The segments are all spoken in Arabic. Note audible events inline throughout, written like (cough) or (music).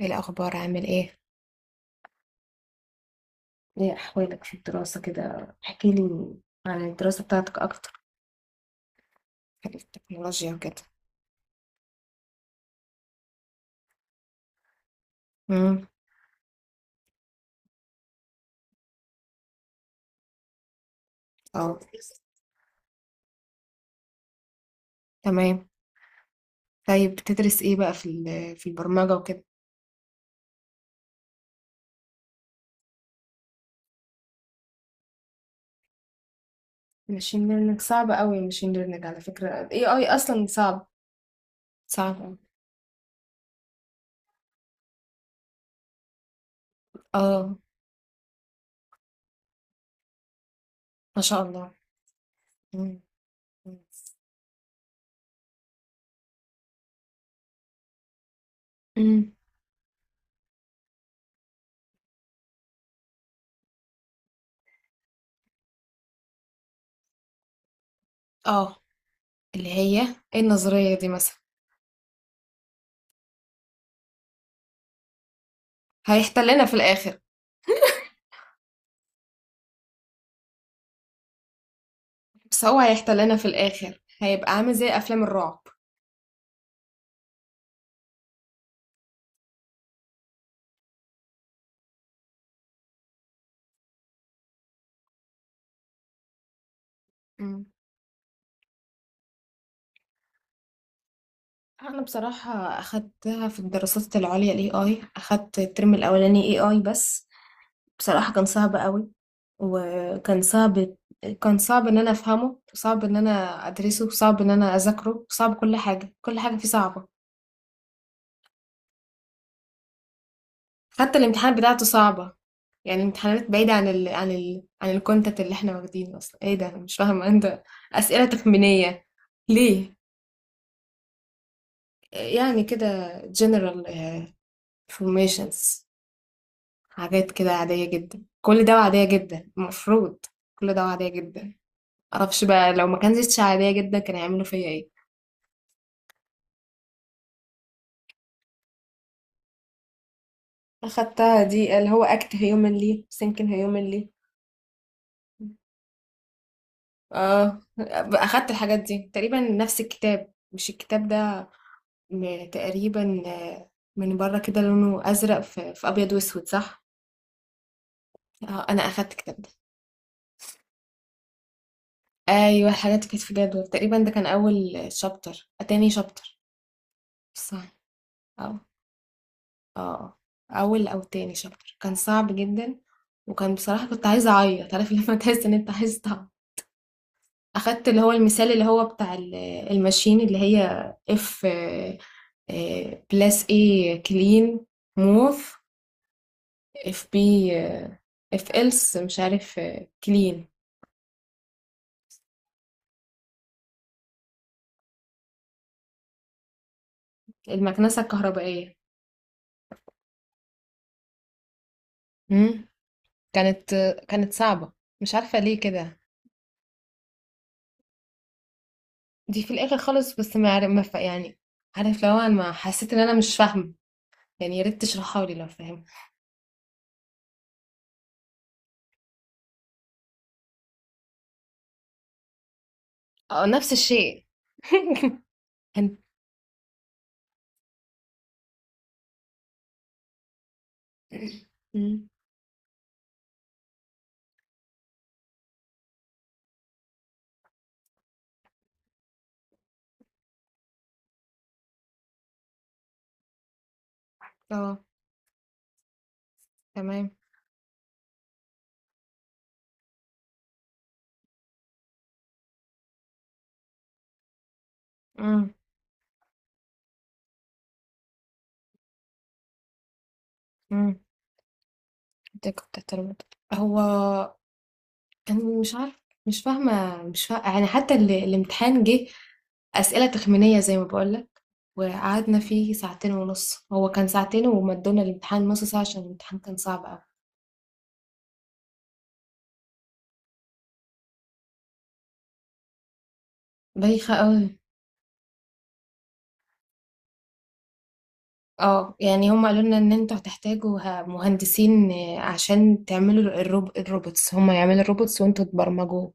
ايه الاخبار، عامل ايه؟ ايه احوالك في الدراسة كده؟ احكي لي عن الدراسة بتاعتك اكتر، حاجة في التكنولوجيا وكده. امم. اه، تمام. طيب بتدرس ايه بقى في البرمجة وكده؟ ماشين ليرنينج صعب قوي، الماشين ليرنينج على فكرة، الاي اي اصلا صعب. صعب أوي. اه. ما شاء الله. امم امم. اه، اللي هي ايه النظرية دي مثلا؟ هيحتلنا في الاخر. بس هو هيحتلنا في الاخر، هيبقى عامل زي افلام الرعب. أنا بصراحة أخدتها في الدراسات العليا، AI، أخدت الترم الأولاني AI بس. بصراحة كان صعب قوي، وكان صعب كان صعب إن أنا أفهمه، وصعب إن أنا أدرسه، وصعب إن أنا أذاكره، وصعب كل حاجة، كل حاجة فيه صعبة. حتى الامتحان بتاعته صعبة، يعني الامتحانات بعيدة عن ال عن ال عن الكونتنت اللي احنا واخدينه أصلا، إيه ده؟ أنا مش فاهمة أنت. أسئلة تخمينية. ليه؟ يعني كده general، informations، حاجات كده عادية جدا، كل ده عادية جدا المفروض، كل ده عادية جدا. معرفش بقى لو ما كانتش عادية جدا كان هيعملوا فيا ايه. اخدتها، دي اللي هو اكت هيومنلي سينكن هيومنلي. اه، اخدت الحاجات دي تقريبا نفس الكتاب، مش الكتاب ده، تقريبا، من بره كده لونه ازرق، في ابيض واسود، صح؟ اه، انا اخدت الكتاب ده. ايوه الحاجات كانت في جدول تقريبا، ده كان اول شابتر، تاني شابتر، صح. آه. آه، أول أو تاني شابتر كان صعب جدًا، وكان بصراحة كنت عايزة أعيّط، عارف لمّا (laughs) تحس إن أنت عايز تعيّط، أخدت اللي هو المثال اللي هو بتاع الماشين، اللي هي F plus A clean move FB FLs مش عارف، clean، المكنسة الكهربائية. إمم. كانت كانت صعبة، مش عارفة ليه كده. دي في الآخر خالص، بس ما عر ما ف يعني عارف اللي هو أنا ما حسيت إن أنا مش فاهمة، يعني يا ريت تشرحها لي لو فاهم. اه، نفس الشيء. (laughs) هن- مم. اه، تمام. امم امم. كنت بتربط، هو انا مش عارف، مش فاهمه، يعني حتى الامتحان جه اسئله تخمينيه زي ما بقولك، وقعدنا فيه ساعتين ونص، هو كان ساعتين ومدونا الامتحان نص ساعه عشان الامتحان كان صعب قوي. بايخه قوي. اه، يعني هم قالوا لنا ان انتوا هتحتاجوا مهندسين، عشان تعملوا الروبوتس، هم يعملوا الروبوتس وانتوا تبرمجوه.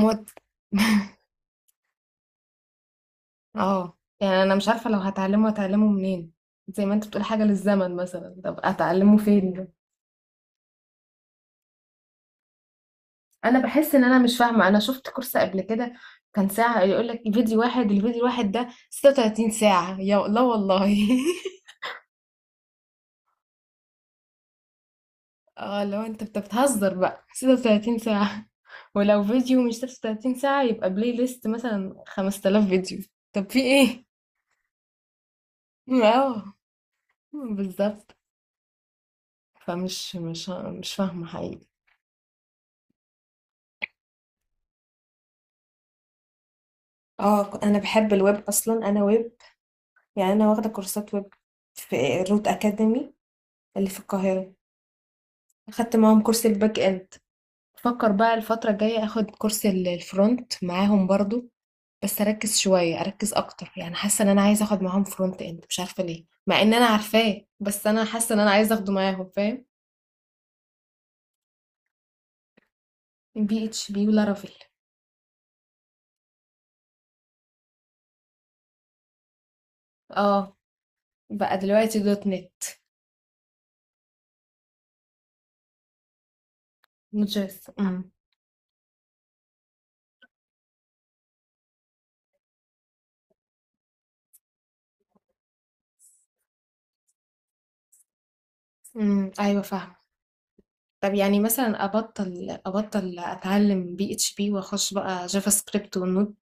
موت. (laughs) اه، يعني انا مش عارفه لو هتعلمه منين؟ زي ما انت بتقول حاجه للزمن مثلا، طب اتعلمه فين؟ انا بحس ان انا مش فاهمه، انا شفت كورس قبل كده كان ساعه يقول لك فيديو واحد، الفيديو الواحد ده 36 ساعه، يا لا والله. (laughs) اه، لو انت بتهزر بقى، 36 ساعه؟ ولو فيديو مش 36 ساعه، يبقى بلاي ليست مثلا 5,000 فيديو. طب في ايه؟ اه، بالظبط. فمش مش مش فاهمه حقيقي. اه، انا بحب الويب اصلا، انا ويب يعني، انا واخده كورسات ويب في روت اكاديمي اللي في القاهره، اخدت معاهم كورس الباك اند. بفكر بقى الفتره الجايه اخد كورس الفرونت معاهم برضو، بس اركز شويه، اركز اكتر، يعني حاسه ان انا عايزه اخد معاهم فرونت اند، مش عارفه ليه مع ان انا عارفاه، بس انا حاسه ان انا عايزه اخده معاهم، فاهم؟ بي اتش بي ولارافيل. اه، بقى دلوقتي دوت نت. نوت جيس. امم. أمم، ايوه فاهمه. طب يعني مثلا ابطل اتعلم بي اتش بي واخش بقى جافا سكريبت ونود؟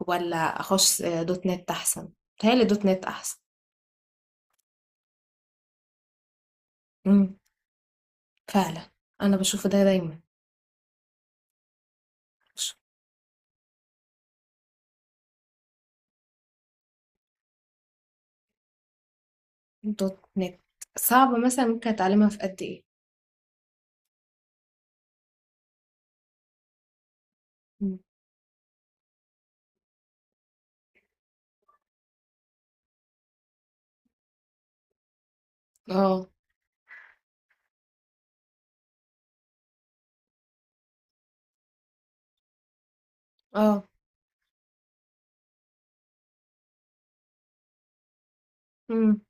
ولا اخش دوت نت احسن؟ بتهيألي دوت نت احسن. امم. فعلا. انا بشوف ده دايما. بشوف. دوت نت. صعبة مثلا ممكن اتعلمها في قد ايه؟ مم. اه. اه. امم.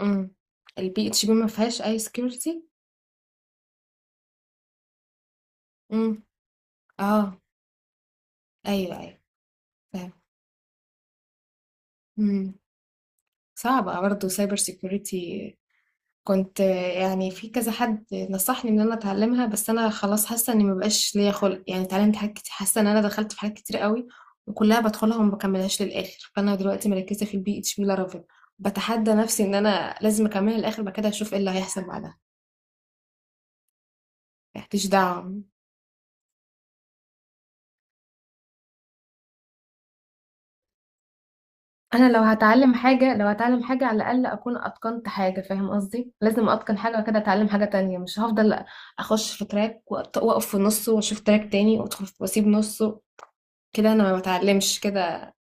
امم. البي اتش بي ما فيهاش اي سكيورتي. امم. اه، ايوه ايوه فاهم. امم. صعبة برضه سايبر سيكيورتي، كنت يعني في كذا حد نصحني ان انا اتعلمها، بس انا خلاص حاسه اني مبقاش ليا خلق، يعني اتعلمت حاجات كتير، حاسه ان انا دخلت في حاجات كتير قوي، وكلها بدخلها وما بكملهاش للاخر، فانا دلوقتي مركزه في البي اتش بي لارافيل، بتحدى نفسي ان انا لازم اكملها للاخر، بعد كده اشوف ايه اللي هيحصل بعدها، مالكيش دعوه. انا لو هتعلم حاجه، على الاقل اكون اتقنت حاجه، فاهم قصدي؟ لازم اتقن حاجه وكده اتعلم حاجه تانية، مش هفضل اخش في تراك واقف في نصه واشوف تراك تاني وادخل واسيب نصه، كده انا ما بتعلمش كده.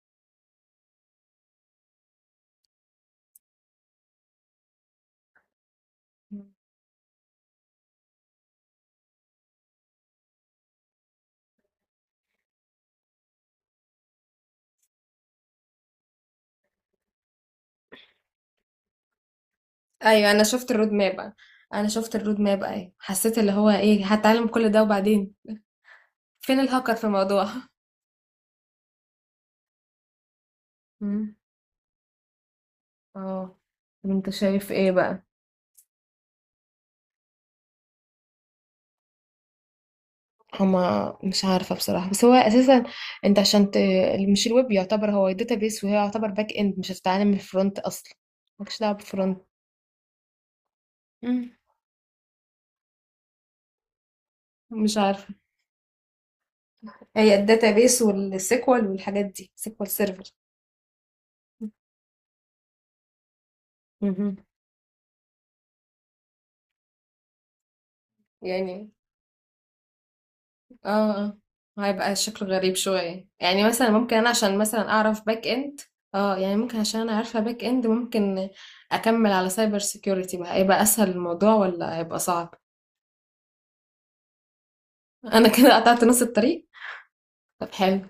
ايوه انا شفت الرود ماب، ايوه حسيت اللي هو ايه، هتعلم كل ده وبعدين فين الهاكر في الموضوع؟ (laughs) مم. اه. طب انت شايف ايه بقى؟ هما مش عارفة بصراحة، بس هو أساسا أنت عشان مش الويب يعتبر هو بيس وهي يعتبر باك إند، مش هتتعلم من الفرونت أصلا، مالكش دعوة بالفرونت. مم. مش عارفة. هي بيس والسيكوال والحاجات دي، سيكوال سيرفر. مهم. يعني اه. آه. هيبقى شكله غريب شوية، يعني مثلا ممكن انا عشان مثلا اعرف باك اند، اه يعني ممكن عشان انا عارفة باك اند، ممكن اكمل على سايبر سيكيورتي بقى، هيبقى اسهل الموضوع ولا هيبقى صعب؟ (laughs) انا كده قطعت نص الطريق. طب حلو.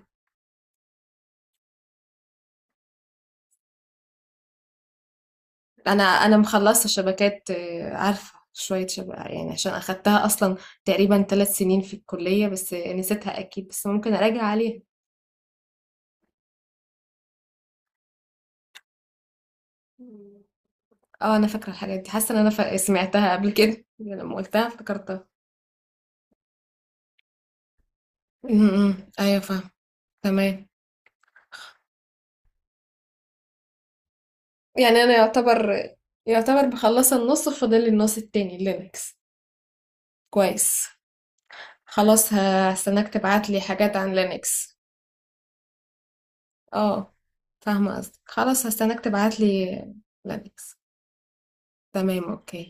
انا مخلصة شبكات، عارفة شوية شبكة يعني، عشان اخدتها اصلا تقريبا 3 سنين في الكلية، بس نسيتها اكيد، بس ممكن اراجع عليها. اه انا فاكرة الحاجات دي، حاسة ان انا سمعتها قبل كده (laughs) لما قلتها افتكرتها. م- م. ايوه فاهم. تمام. يعني انا يعتبر، مخلصه النص، فاضل لي النص التاني، لينكس. كويس. خلاص هستناك تبعت لي حاجات عن لينكس. اه فاهمه قصدك، خلاص هستناك تبعت لي لينكس. تمام اوكي.